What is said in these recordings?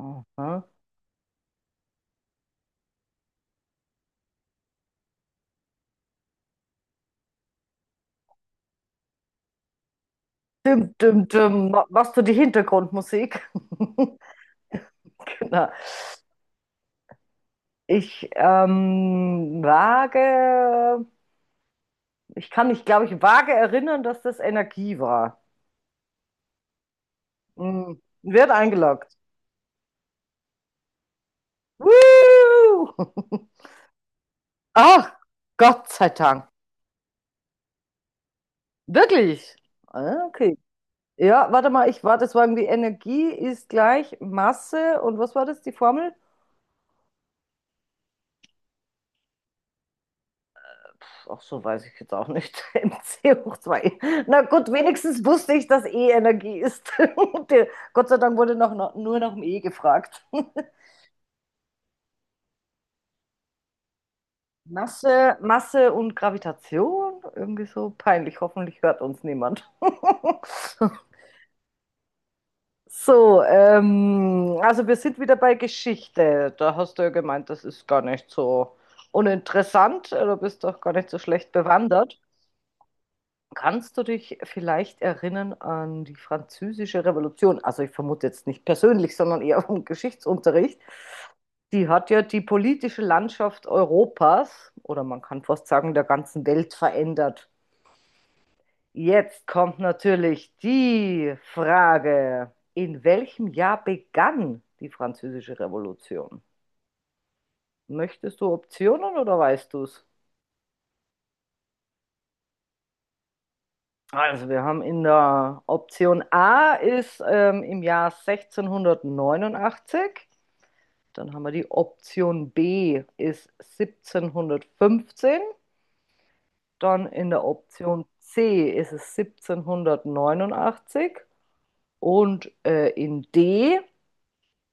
Aha. Dim, dim, dim. Machst du die Hintergrundmusik? Genau. Ich ähm, wage, ich kann mich, glaube ich, vage erinnern, dass das Energie war. Hm. Wird eingeloggt. Woo! Ach, Gott sei Dank. Wirklich? Ah, okay. Ja, warte mal, das war irgendwie Energie ist gleich Masse und was war das, die Formel? Auch so, weiß ich jetzt auch nicht. MC². Na gut, wenigstens wusste ich, dass E Energie ist. der- Gott sei Dank wurde nur nach dem E gefragt. Masse, Masse und Gravitation? Irgendwie so peinlich. Hoffentlich hört uns niemand. So, also wir sind wieder bei Geschichte. Da hast du ja gemeint, das ist gar nicht so uninteressant. Du bist doch gar nicht so schlecht bewandert. Kannst du dich vielleicht erinnern an die Französische Revolution? Also ich vermute jetzt nicht persönlich, sondern eher vom Geschichtsunterricht. Die hat ja die politische Landschaft Europas oder man kann fast sagen der ganzen Welt verändert. Jetzt kommt natürlich die Frage, in welchem Jahr begann die Französische Revolution? Möchtest du Optionen oder weißt du es? Also wir haben in der Option A ist im Jahr 1689. Dann haben wir die Option B ist 1715. Dann in der Option C ist es 1789 und in D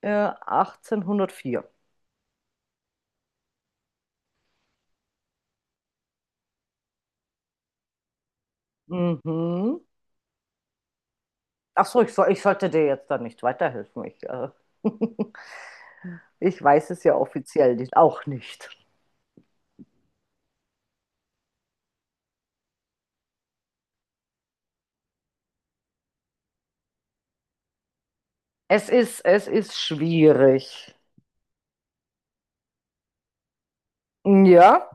1804. Mhm. Ach so, ich sollte dir jetzt da nicht weiterhelfen. Ich weiß es ja offiziell nicht, auch nicht. Es ist schwierig. Ja,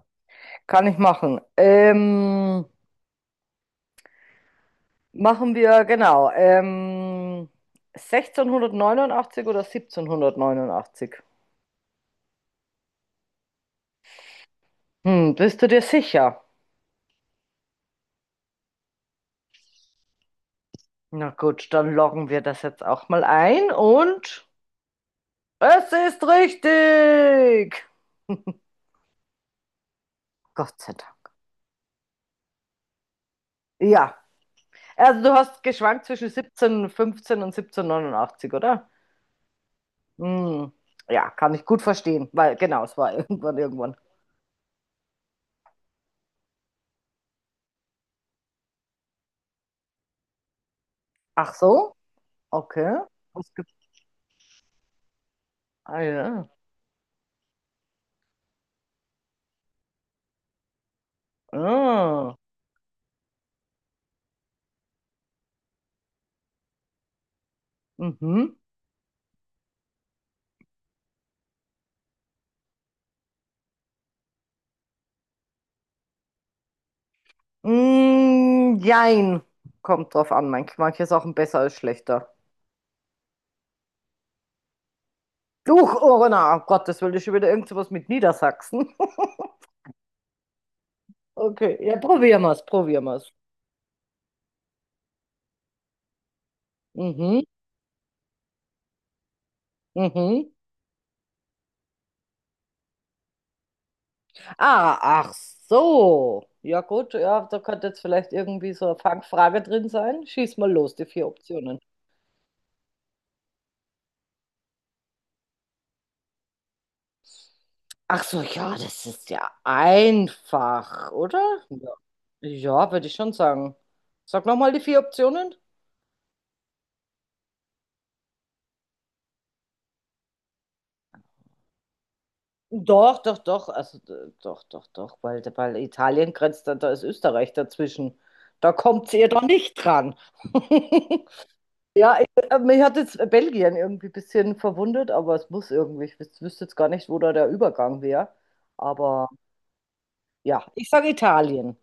kann ich machen. Machen wir, genau, 1689 oder 1789? Bist du dir sicher? Na gut, dann loggen wir das jetzt auch mal ein und es ist richtig! Gott sei Dank. Ja, also du hast geschwankt zwischen 1715 und 1789, oder? Hm, ja, kann ich gut verstehen, weil genau, es war irgendwann, irgendwann. Ach so, okay. Ah ja. Ah. Mhm. Mm, jein. Kommt drauf an. Manche Sachen besser als schlechter. Duch, oh na, um Gottes Willen, ist schon wieder irgend sowas mit Niedersachsen. Okay, ja, probieren wir es. Mhm, mhm. Ah, ach so. Ja gut, ja, da könnte jetzt vielleicht irgendwie so eine Fangfrage drin sein. Schieß mal los, die vier Optionen. Ach so, ja, das ist ja einfach, oder? Ja, ja, würde ich schon sagen. Sag nochmal die vier Optionen. Doch, doch, doch, also doch, doch, doch, weil Italien grenzt, da ist Österreich dazwischen. Da kommt ihr doch nicht dran. Ja, mich hat jetzt Belgien irgendwie ein bisschen verwundert, aber es muss irgendwie, ich wüsste jetzt gar nicht, wo da der Übergang wäre. Aber ja, ich sage Italien.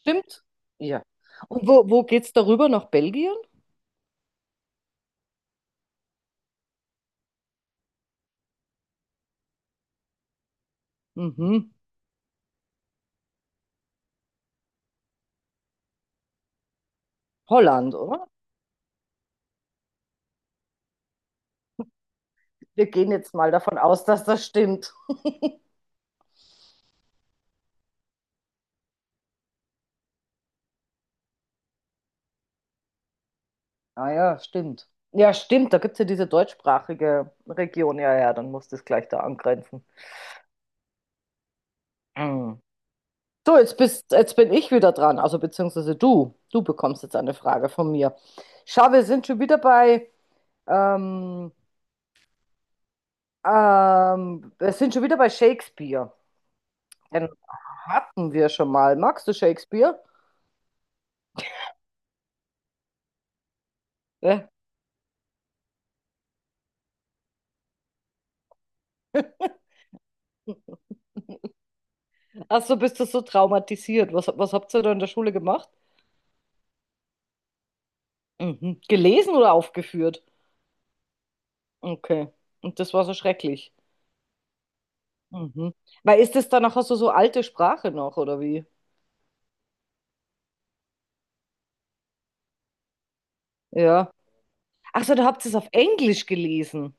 Stimmt? Ja. Und wo, wo geht's darüber? Nach Belgien? Mhm. Holland, oder? Wir gehen jetzt mal davon aus, dass das stimmt. Ah ja, stimmt. Ja, stimmt, da gibt es ja diese deutschsprachige Region. Ja, ja, dann muss das gleich da angrenzen. Mm. So, jetzt bin ich wieder dran, also beziehungsweise du. Du bekommst jetzt eine Frage von mir. Schau, ähm, wir sind schon wieder bei Shakespeare. Den hatten wir schon mal. Magst du Shakespeare? Ja. Ach so, bist du so traumatisiert? Was habt ihr da in der Schule gemacht? Mhm. Gelesen oder aufgeführt? Okay. Und das war so schrecklich. Mhm. Weil ist das dann nachher so, so alte Sprache noch, oder wie? Ja. Ach so, da habt ihr es auf Englisch gelesen.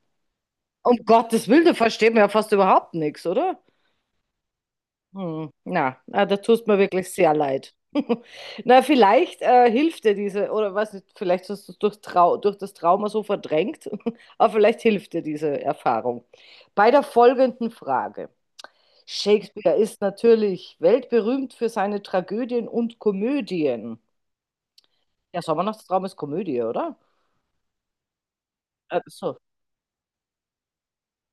Um Gottes Willen, da versteht man ja fast überhaupt nichts, oder? Hm. Na, na, da tust mir wirklich sehr leid. Na, vielleicht hilft dir diese, oder weiß nicht, vielleicht hast du es durch das Trauma so verdrängt, aber vielleicht hilft dir diese Erfahrung. Bei der folgenden Frage. Shakespeare ist natürlich weltberühmt für seine Tragödien und Komödien. Ja, Sommernachtstraum ist Komödie, oder? Ach so.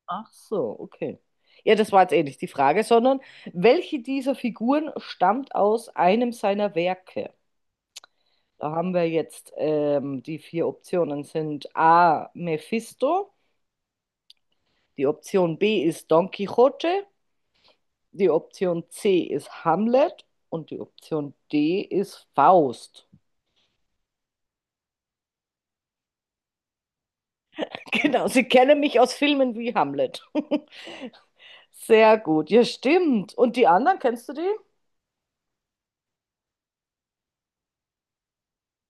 Ach so, okay. Ja, das war jetzt eh nicht die Frage, sondern welche dieser Figuren stammt aus einem seiner Werke? Da haben wir jetzt die vier Optionen sind A. Mephisto, die Option B ist Don Quixote, die Option C ist Hamlet und die Option D ist Faust. Genau, sie kennen mich aus Filmen wie Hamlet. Sehr gut, ja, stimmt. Und die anderen, kennst du die?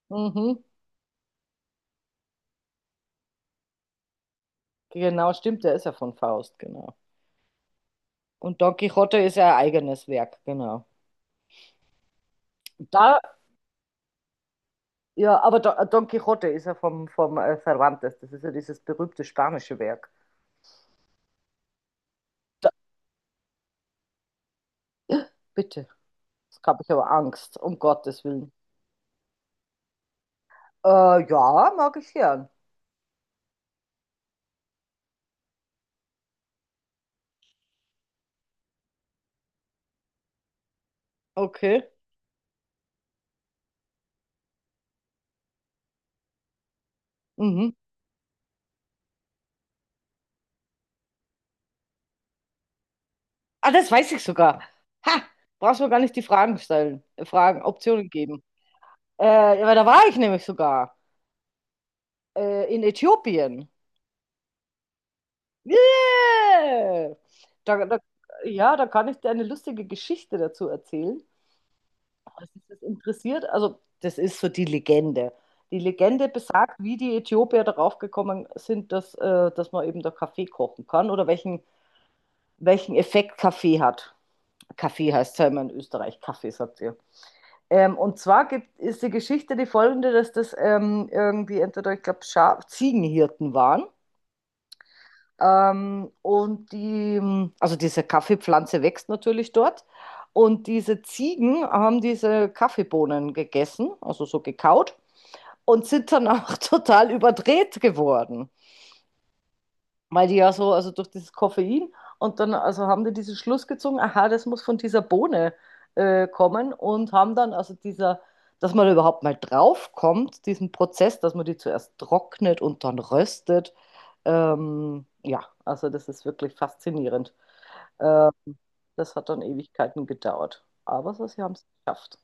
Mhm. Genau, stimmt, der ist ja von Faust, genau. Und Don Quixote ist ja ein eigenes Werk, genau. Da, ja, aber Don Quixote ist ja vom, vom Cervantes, das ist ja dieses berühmte spanische Werk. Da, bitte, jetzt habe ich aber Angst, um Gottes Willen. Äh, ja, mag ich gern. Okay. Mhm. Ah, das weiß ich sogar. Ha, brauchst mir gar nicht die Fragen stellen, Optionen geben. Ja, weil da war ich nämlich sogar. In Äthiopien. Yeah! Da, da, ja, da kann ich dir eine lustige Geschichte dazu erzählen. Was ist das interessiert? Also, das ist so die Legende. Die Legende besagt, wie die Äthiopier darauf gekommen sind, dass man eben da Kaffee kochen kann oder welchen, Effekt Kaffee hat. Kaffee heißt ja immer in Österreich, Kaffee, sagt ihr. Und zwar ist die Geschichte die folgende, dass das irgendwie entweder, ich glaube, Ziegenhirten waren. Und also diese Kaffeepflanze wächst natürlich dort. Und diese Ziegen haben diese Kaffeebohnen gegessen, also so gekaut, und sind dann auch total überdreht geworden, weil die ja so, also durch dieses Koffein, und dann, also haben die diesen Schluss gezogen, aha, das muss von dieser Bohne kommen, und haben dann, also dieser, dass man überhaupt mal drauf kommt, diesen Prozess, dass man die zuerst trocknet und dann röstet. Ja, also das ist wirklich faszinierend. Ähm, Das hat dann Ewigkeiten gedauert. Aber so, sie haben es geschafft.